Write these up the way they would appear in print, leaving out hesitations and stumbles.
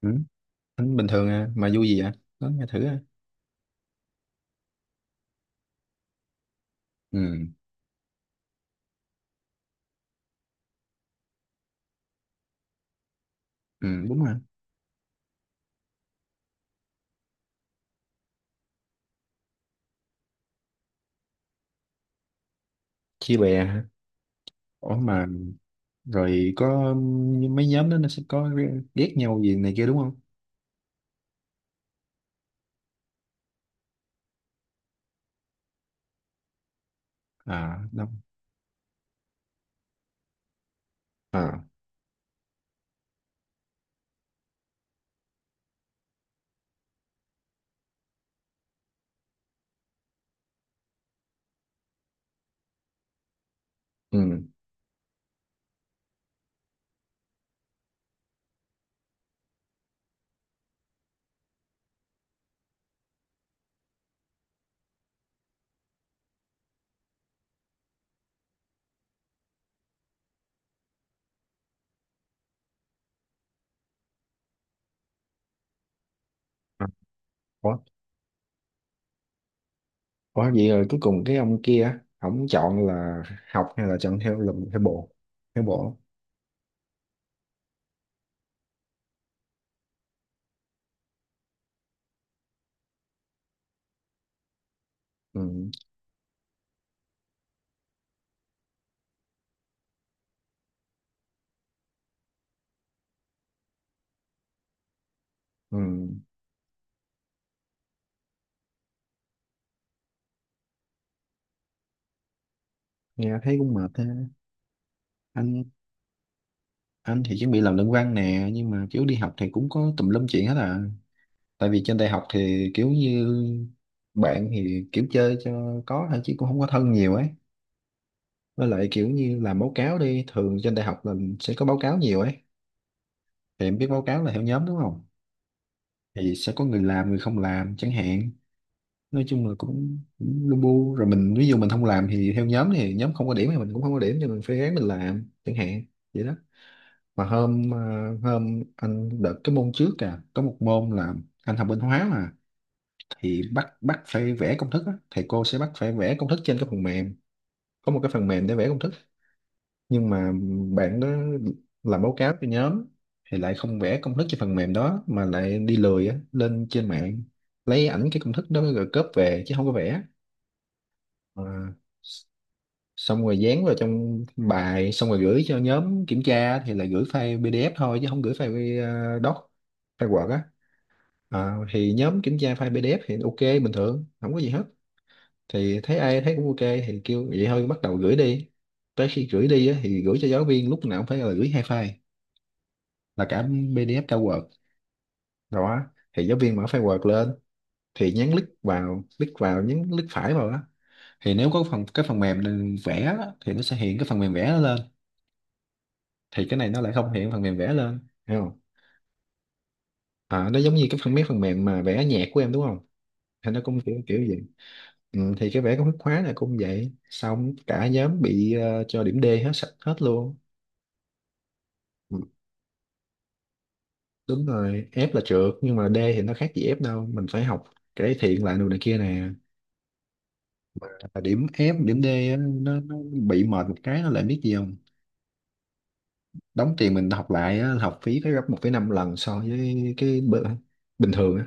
Ừ, tính bình thường à, mà vui gì vậy? Nói nghe thử à. Ừ, ừ, đúng rồi. Chia bè hả? Ủa mà rồi có mấy nhóm đó nó sẽ có ghét nhau gì này kia đúng không? À, đúng. À ừ À, ủa ủa vậy rồi cuối cùng cái ông kia á, ổng chọn là học hay là chọn theo lùm theo bộ. Theo bộ. Ừ, ừ, nghe thấy cũng mệt ha. Anh anh thì chuẩn bị làm luận văn nè, nhưng mà kiểu đi học thì cũng có tùm lum chuyện hết à. Tại vì trên đại học thì kiểu như bạn thì kiểu chơi cho có thôi chứ cũng không có thân nhiều ấy, với lại kiểu như làm báo cáo đi, thường trên đại học là sẽ có báo cáo nhiều ấy, thì em biết báo cáo là theo nhóm đúng không, thì sẽ có người làm người không làm chẳng hạn. Nói chung là cũng, cũng lu bu rồi, mình ví dụ mình không làm thì theo nhóm thì nhóm không có điểm thì mình cũng không có điểm, cho mình phải ráng mình làm chẳng hạn, vậy đó. Mà hôm anh đợt cái môn trước à, có một môn là anh học bên hóa mà, thì bắt bắt phải vẽ công thức á. Thầy cô sẽ bắt phải vẽ công thức trên cái phần mềm, có một cái phần mềm để vẽ công thức, nhưng mà bạn đó làm báo cáo cho nhóm thì lại không vẽ công thức trên phần mềm đó mà lại đi lười á, lên trên mạng lấy ảnh cái công thức đó rồi cóp về chứ không có vẽ. Ờ, s- xong rồi dán vào trong bài xong rồi gửi cho nhóm kiểm tra thì là gửi file PDF thôi chứ không gửi file doc, file Word á. Ờ, thì nhóm kiểm tra file PDF thì ok bình thường không có gì hết, thì thấy ai thấy cũng ok thì kêu vậy thôi, bắt đầu gửi đi. Tới khi gửi đi á, thì gửi cho giáo viên lúc nào cũng phải là gửi hai file, là cả PDF cả Word đó. Thì giáo viên mở file Word lên, thì nhấn click vào, click vào, nhấn click phải vào á, thì nếu có phần cái phần mềm vẽ á, thì nó sẽ hiện cái phần mềm vẽ nó lên, thì cái này nó lại không hiện phần mềm vẽ lên, hiểu không? À, nó giống như cái phần mấy phần mềm mà vẽ nhạc của em đúng không, thì nó cũng kiểu kiểu vậy. Ừ, thì cái vẽ công thức khóa này cũng vậy, xong cả nhóm bị cho điểm D hết sạch hết luôn. Đúng rồi, F là trượt nhưng mà D thì nó khác gì F đâu, mình phải học cải thiện lại đồ này kia nè. Là điểm F điểm D á, nó bị mệt một cái, nó lại biết gì không, đóng tiền mình học lại á, học phí phải gấp 1,5 lần so với cái bình thường á.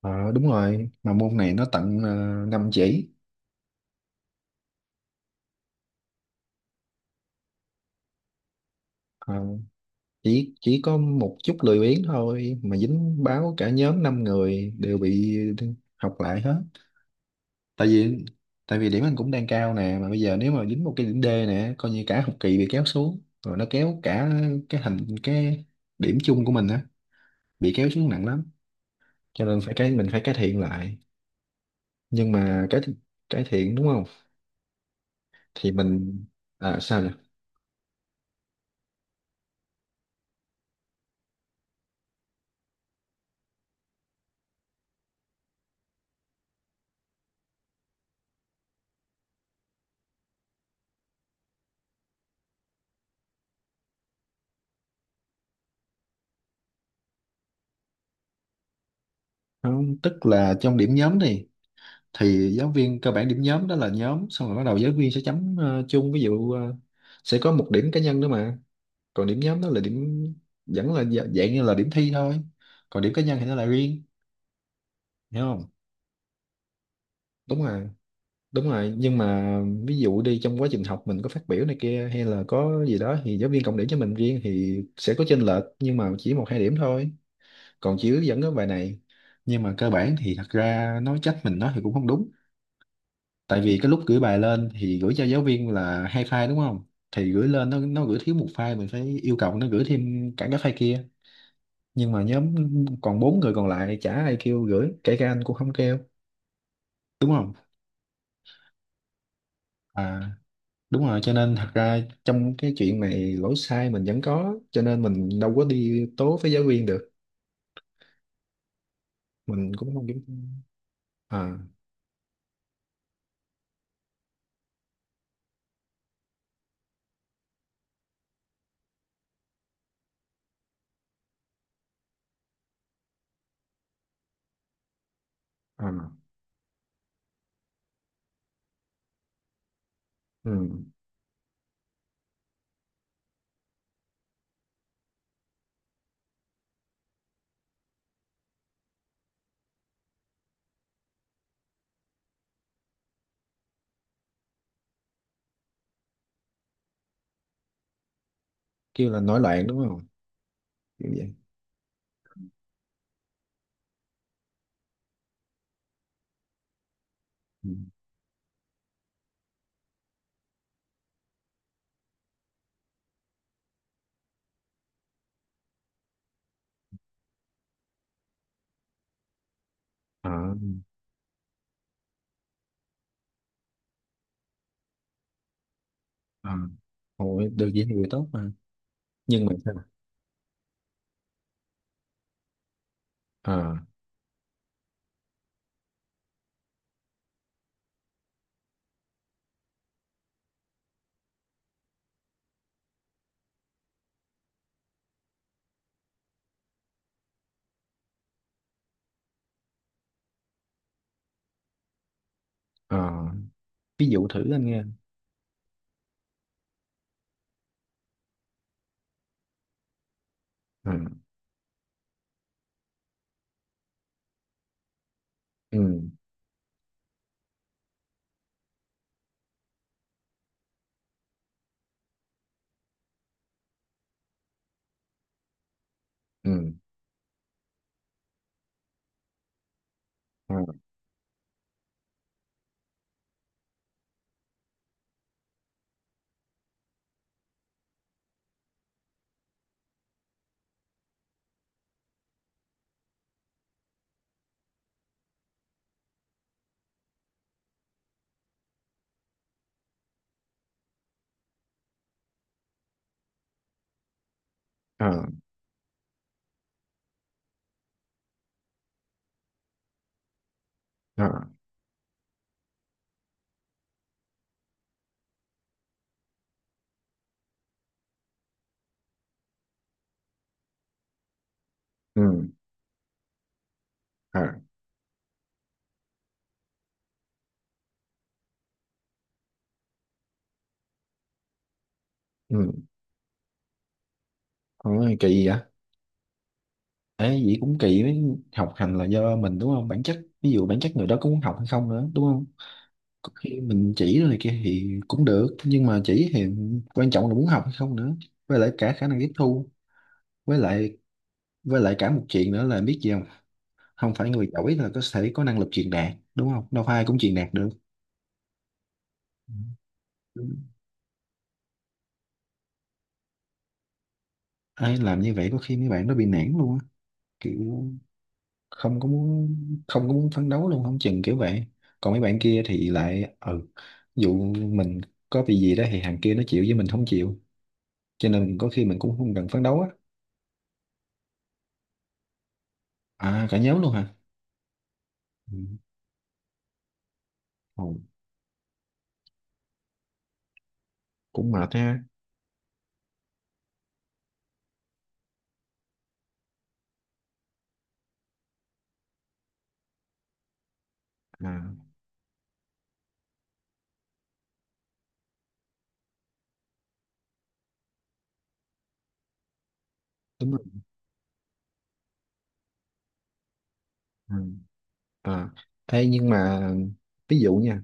Ờ, đúng rồi, mà môn này nó tận 5 chỉ. Ờ, chỉ có một chút lười biếng thôi mà dính báo cả nhóm 5 người đều bị học lại hết. Tại vì tại vì điểm anh cũng đang cao nè, mà bây giờ nếu mà dính một cái điểm D nè coi như cả học kỳ bị kéo xuống, rồi nó kéo cả cái thành cái điểm chung của mình á, bị kéo xuống nặng lắm, cho nên phải cái mình phải cải thiện lại. Nhưng mà cái cải thiện đúng không, thì mình à, sao nhỉ. Không, tức là trong điểm nhóm đi, thì giáo viên cơ bản điểm nhóm đó là nhóm, xong rồi bắt đầu giáo viên sẽ chấm chung, ví dụ sẽ có một điểm cá nhân nữa, mà còn điểm nhóm đó là điểm vẫn là dạng như là điểm thi thôi, còn điểm cá nhân thì nó là riêng, hiểu không? Đúng rồi đúng rồi nhưng mà ví dụ đi trong quá trình học mình có phát biểu này kia hay là có gì đó thì giáo viên cộng điểm cho mình riêng, thì sẽ có chênh lệch nhưng mà chỉ một hai điểm thôi, còn chỉ hướng dẫn cái bài này. Nhưng mà cơ bản thì thật ra nói trách mình nó thì cũng không đúng, tại vì cái lúc gửi bài lên thì gửi cho giáo viên là hai file đúng không, thì gửi lên nó gửi thiếu một file, mình phải yêu cầu nó gửi thêm cả cái file kia. Nhưng mà nhóm còn bốn người còn lại chả ai kêu gửi, kể cả anh cũng không kêu, đúng không. À đúng rồi, cho nên thật ra trong cái chuyện này lỗi sai mình vẫn có, cho nên mình đâu có đi tố với giáo viên được. Mình cũng không kiểm. À à ừ. Kêu là nổi loạn đúng không, kiểu vậy. Ừ. À à. Ôi, được vậy thì tốt mà, nhưng mà sao. À à ví dụ thử anh nghe. À ừ ừ à à à ừ à ừ. Ôi, kỳ vậy. Ê, vậy cũng kỳ với, học hành là do mình đúng không? Bản chất, ví dụ bản chất người đó có muốn học hay không nữa, đúng không? Có khi mình chỉ rồi kia thì cũng được, nhưng mà chỉ thì quan trọng là muốn học hay không nữa. Với lại cả khả năng tiếp thu, với lại với lại cả một chuyện nữa là biết gì không? Không phải người giỏi là có thể có năng lực truyền đạt, đúng không? Đâu phải ai cũng truyền đạt được. Ừ. Ai làm như vậy có khi mấy bạn nó bị nản luôn á, kiểu không có muốn, không có muốn phấn đấu luôn không chừng kiểu vậy. Còn mấy bạn kia thì lại ừ, dụ mình có bị gì đó thì thằng kia nó chịu với mình không chịu, cho nên có khi mình cũng không cần phấn đấu á. À cả nhóm luôn hả. Ừ. Ồ, cũng mệt ha. À đúng rồi. Ừ. À. Ê, nhưng mà ví dụ nha,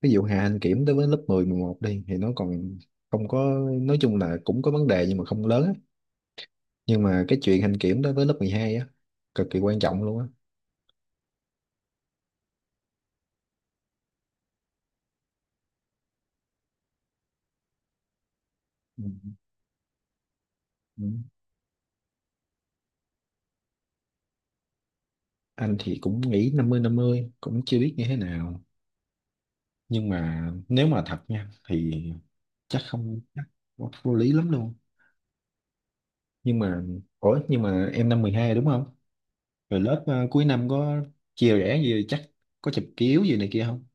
ví dụ hạ hành kiểm đối với lớp 10, 11 đi thì nó còn không có, nói chung là cũng có vấn đề nhưng mà không lớn á, nhưng mà cái chuyện hành kiểm đối với lớp 12 á, cực kỳ quan trọng luôn á. Ừ. Ừ. Anh thì cũng nghĩ 50-50 cũng chưa biết như thế nào, nhưng mà nếu mà thật nha thì chắc không chắc vô vô lý lắm luôn, nhưng mà ủa nhưng mà em năm 12 đúng không, rồi lớp cuối năm có chia rẽ gì chắc, có chụp kiếu gì này kia không.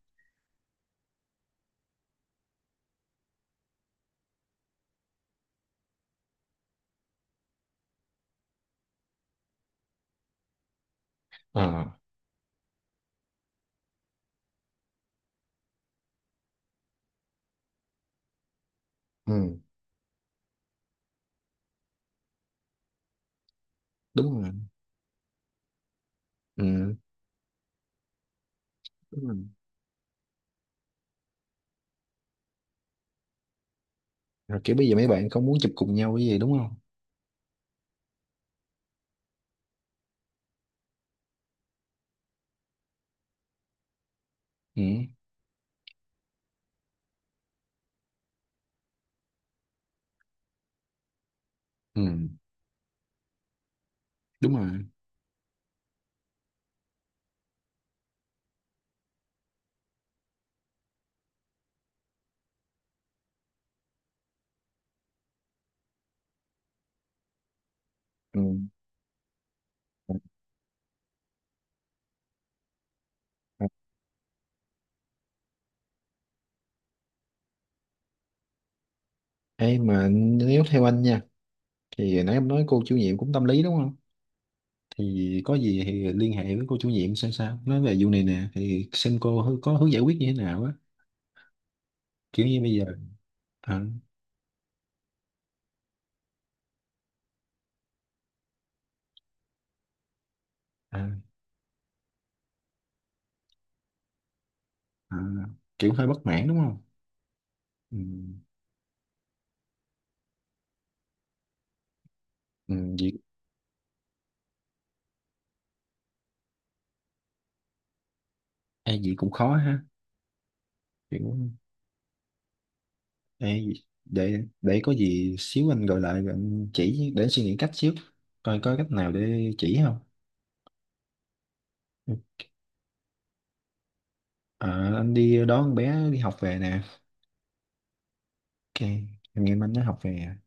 Ờ ừ đúng rồi ừ đúng rồi, rồi kiểu bây giờ mấy bạn không muốn chụp cùng nhau cái gì đúng không. Ừ ừ đúng rồi ừ. Ê mà nếu theo anh nha, thì nãy em nói cô chủ nhiệm cũng tâm lý đúng không, thì có gì thì liên hệ với cô chủ nhiệm xem sao, nói về vụ này nè, thì xem cô có hướng giải quyết như thế nào á, kiểu như bây giờ. À, à, à, kiểu hơi bất mãn đúng không. Ừ, ừ, gì. Ai gì cũng khó ha, kiểu ai để có gì xíu anh gọi lại rồi anh chỉ, để anh suy nghĩ cách xíu coi có cách nào để chỉ không. Ừ, à, anh đi đón con bé đi học về nè. Ok, anh em anh nó học về à.